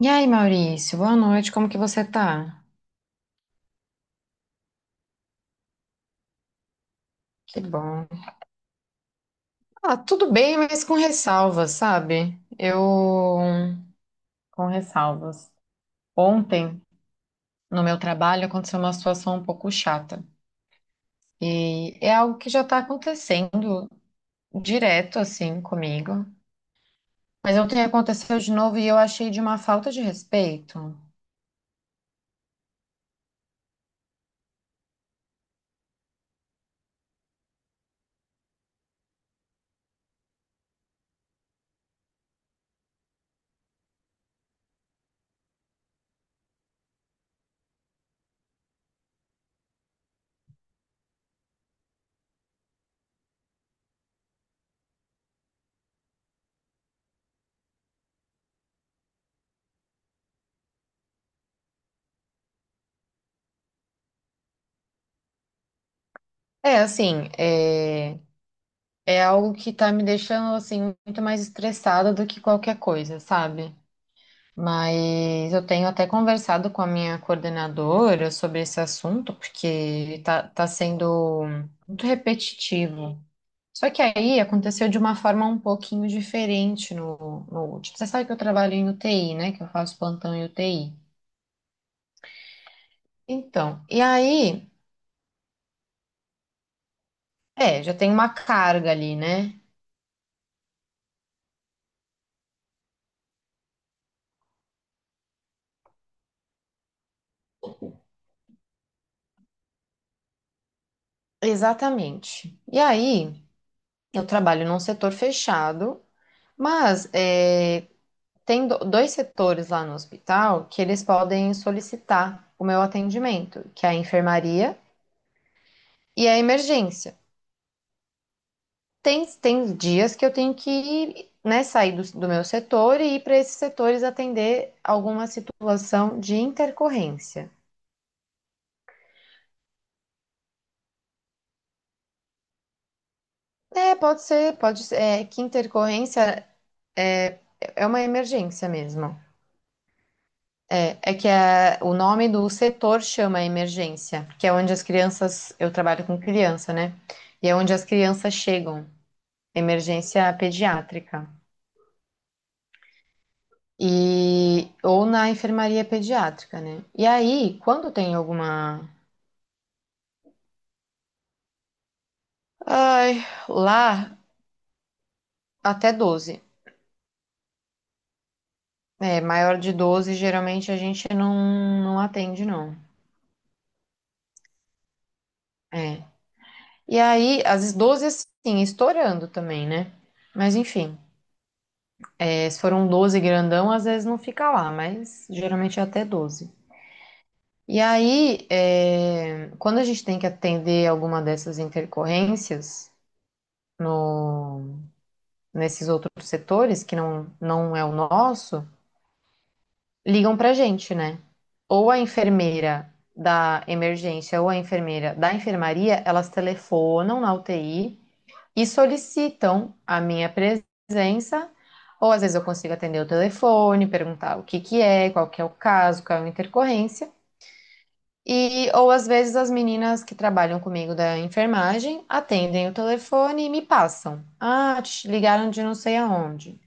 E aí, Maurício, boa noite, como que você tá? Que bom. Ah, tudo bem, mas com ressalvas, sabe? Eu. Com ressalvas. Ontem, no meu trabalho, aconteceu uma situação um pouco chata. E é algo que já tá acontecendo direto, assim, comigo. Mas ontem aconteceu de novo e eu achei de uma falta de respeito. É, assim, é algo que tá me deixando, assim, muito mais estressada do que qualquer coisa, sabe? Mas eu tenho até conversado com a minha coordenadora sobre esse assunto, porque tá sendo muito repetitivo. Só que aí aconteceu de uma forma um pouquinho diferente no último. Você sabe que eu trabalho em UTI, né? Que eu faço plantão em UTI. Então, e aí, já tem uma carga ali, né? Exatamente. E aí, eu trabalho num setor fechado, mas dois setores lá no hospital que eles podem solicitar o meu atendimento, que é a enfermaria e a emergência. Tem dias que eu tenho que, né, sair do meu setor e ir para esses setores atender alguma situação de intercorrência. É, pode ser, que intercorrência é, é uma emergência mesmo. É que o nome do setor chama emergência, que é onde as crianças, eu trabalho com criança, né? E é onde as crianças chegam, emergência pediátrica. E, ou na enfermaria pediátrica, né? E aí, quando tem alguma. Ai, lá, até 12. É, maior de 12 geralmente a gente não atende, não. É. E aí, às vezes 12, assim, estourando também, né? Mas enfim. É, se for um 12 grandão, às vezes não fica lá, mas geralmente é até 12. E aí, quando a gente tem que atender alguma dessas intercorrências no, nesses outros setores, que não é o nosso, ligam pra gente, né? Ou a enfermeira da emergência ou a enfermeira da enfermaria, elas telefonam na UTI e solicitam a minha presença, ou às vezes eu consigo atender o telefone, perguntar o que que é, qual que é o caso, qual é a intercorrência, e ou às vezes as meninas que trabalham comigo da enfermagem atendem o telefone e me passam. Ah, te ligaram de não sei aonde.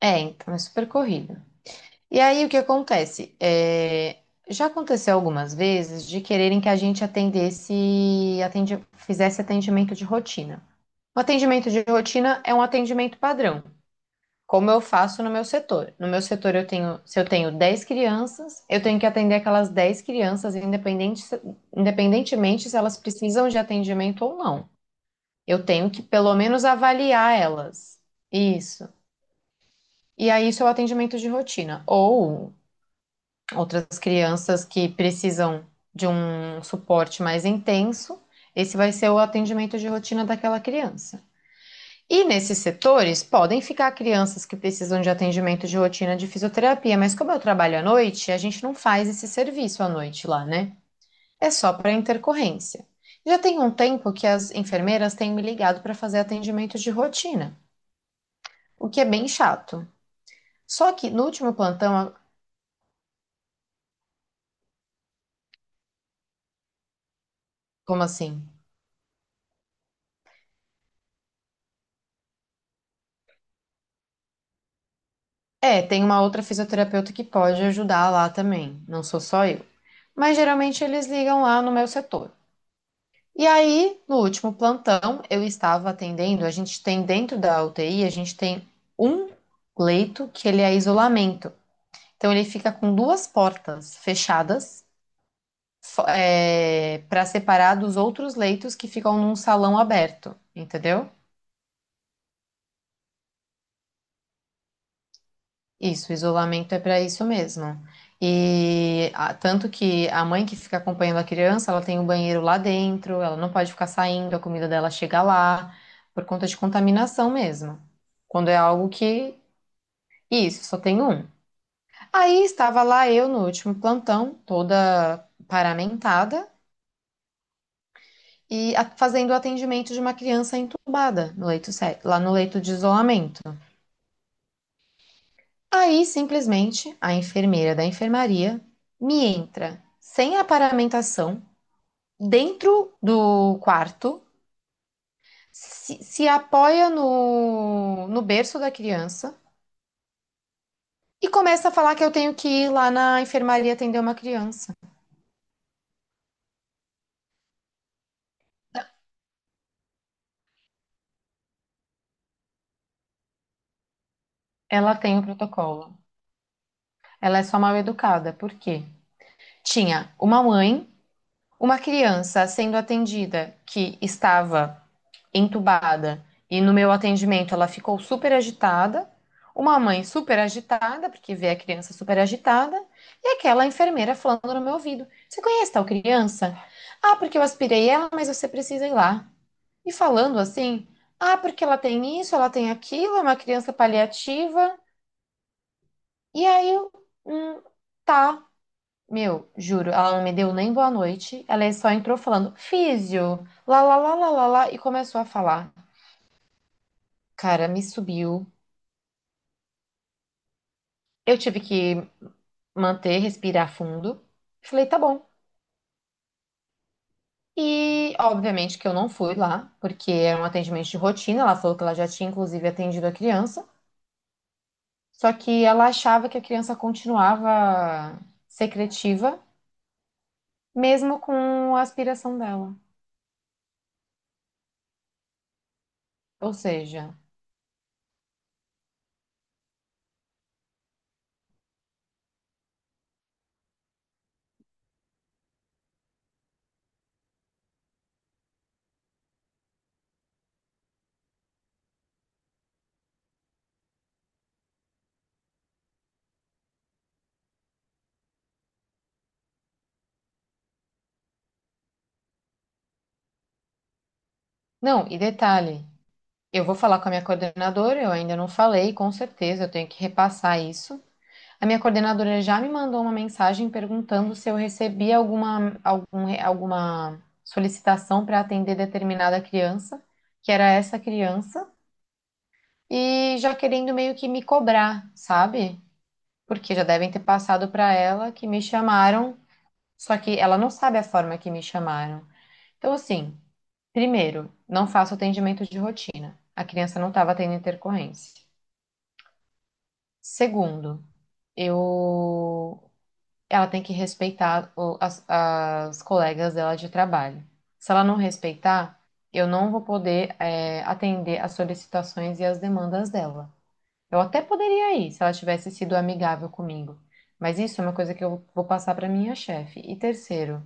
É, então é super corrido. E aí o que acontece? É, já aconteceu algumas vezes de quererem que a gente atendesse, fizesse atendimento de rotina. O atendimento de rotina é um atendimento padrão, como eu faço no meu setor. No meu setor eu tenho, se eu tenho 10 crianças, eu tenho que atender aquelas 10 crianças, independentemente se elas precisam de atendimento ou não. Eu tenho que pelo menos avaliar elas. Isso. E aí, isso é o atendimento de rotina. Ou outras crianças que precisam de um suporte mais intenso, esse vai ser o atendimento de rotina daquela criança. E nesses setores podem ficar crianças que precisam de atendimento de rotina de fisioterapia, mas como eu trabalho à noite, a gente não faz esse serviço à noite lá, né? É só para intercorrência. Já tem um tempo que as enfermeiras têm me ligado para fazer atendimento de rotina, o que é bem chato. Só que no último plantão, como assim? É, tem uma outra fisioterapeuta que pode ajudar lá também, não sou só eu. Mas geralmente eles ligam lá no meu setor. E aí, no último plantão, eu estava atendendo, a gente tem dentro da UTI, a gente tem um leito que ele é isolamento. Então ele fica com duas portas fechadas para separar dos outros leitos que ficam num salão aberto, entendeu? Isso, isolamento é para isso mesmo. E tanto que a mãe que fica acompanhando a criança, ela tem o banheiro lá dentro, ela não pode ficar saindo, a comida dela chega lá, por conta de contaminação mesmo. Quando é algo que. Isso, só tem um. Aí estava lá eu no último plantão, toda paramentada, e fazendo o atendimento de uma criança entubada no leito, lá no leito de isolamento. Aí, simplesmente, a enfermeira da enfermaria me entra sem aparamentação dentro do quarto, se apoia no berço da criança e começa a falar que eu tenho que ir lá na enfermaria atender uma criança. Ela tem o protocolo. Ela é só mal educada, por quê? Tinha uma mãe, uma criança sendo atendida que estava entubada e no meu atendimento ela ficou super agitada, uma mãe super agitada, porque vê a criança super agitada, e aquela enfermeira falando no meu ouvido: Você conhece tal criança? Ah, porque eu aspirei ela, mas você precisa ir lá. E falando assim: Ah, porque ela tem isso, ela tem aquilo, é uma criança paliativa. E aí, hum, tá. Meu, juro, ela não me deu nem boa noite. Ela só entrou falando físio, lá, lá, lá, lá, lá, lá, e começou a falar. Cara, me subiu. Eu tive que manter, respirar fundo. Falei, tá bom. E, obviamente, que eu não fui lá, porque era um atendimento de rotina. Ela falou que ela já tinha, inclusive, atendido a criança. Só que ela achava que a criança continuava secretiva, mesmo com a aspiração dela. Ou seja, não, e detalhe, eu vou falar com a minha coordenadora, eu ainda não falei, com certeza, eu tenho que repassar isso. A minha coordenadora já me mandou uma mensagem perguntando se eu recebi alguma, alguma solicitação para atender determinada criança, que era essa criança, e já querendo meio que me cobrar, sabe? Porque já devem ter passado para ela que me chamaram, só que ela não sabe a forma que me chamaram. Então, assim, primeiro, não faço atendimento de rotina. A criança não estava tendo intercorrência. Segundo, eu ela tem que respeitar as colegas dela de trabalho. Se ela não respeitar, eu não vou poder, é, atender as solicitações e as demandas dela. Eu até poderia ir, se ela tivesse sido amigável comigo. Mas isso é uma coisa que eu vou passar para minha chefe. E terceiro,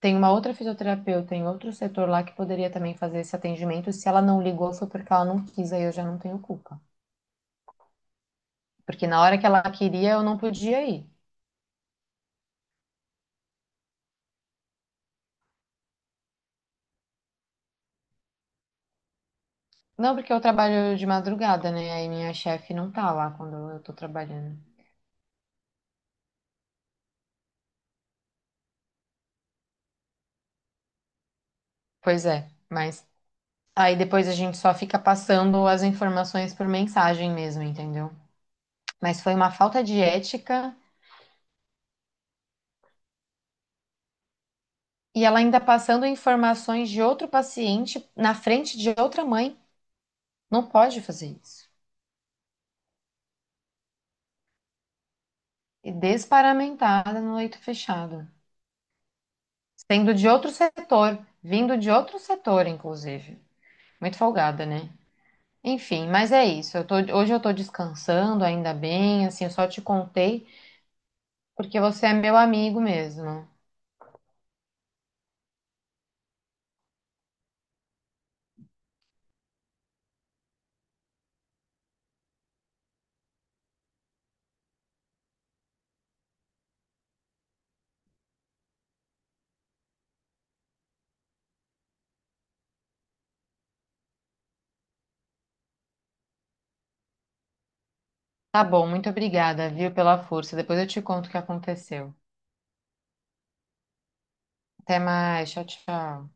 tem uma outra fisioterapeuta em outro setor lá que poderia também fazer esse atendimento. Se ela não ligou, foi porque ela não quis, aí eu já não tenho culpa. Porque na hora que ela queria, eu não podia ir. Não, porque eu trabalho de madrugada, né? Aí minha chefe não tá lá quando eu tô trabalhando. Pois é, mas aí depois a gente só fica passando as informações por mensagem mesmo, entendeu? Mas foi uma falta de ética e ela ainda passando informações de outro paciente na frente de outra mãe. Não pode fazer isso. E desparamentada no leito fechado. Sendo de outro setor, vindo de outro setor, inclusive. Muito folgada, né? Enfim, mas é isso. Hoje eu tô descansando, ainda bem, assim, eu só te contei porque você é meu amigo mesmo. Tá bom, muito obrigada, viu, pela força. Depois eu te conto o que aconteceu. Até mais, tchau, tchau.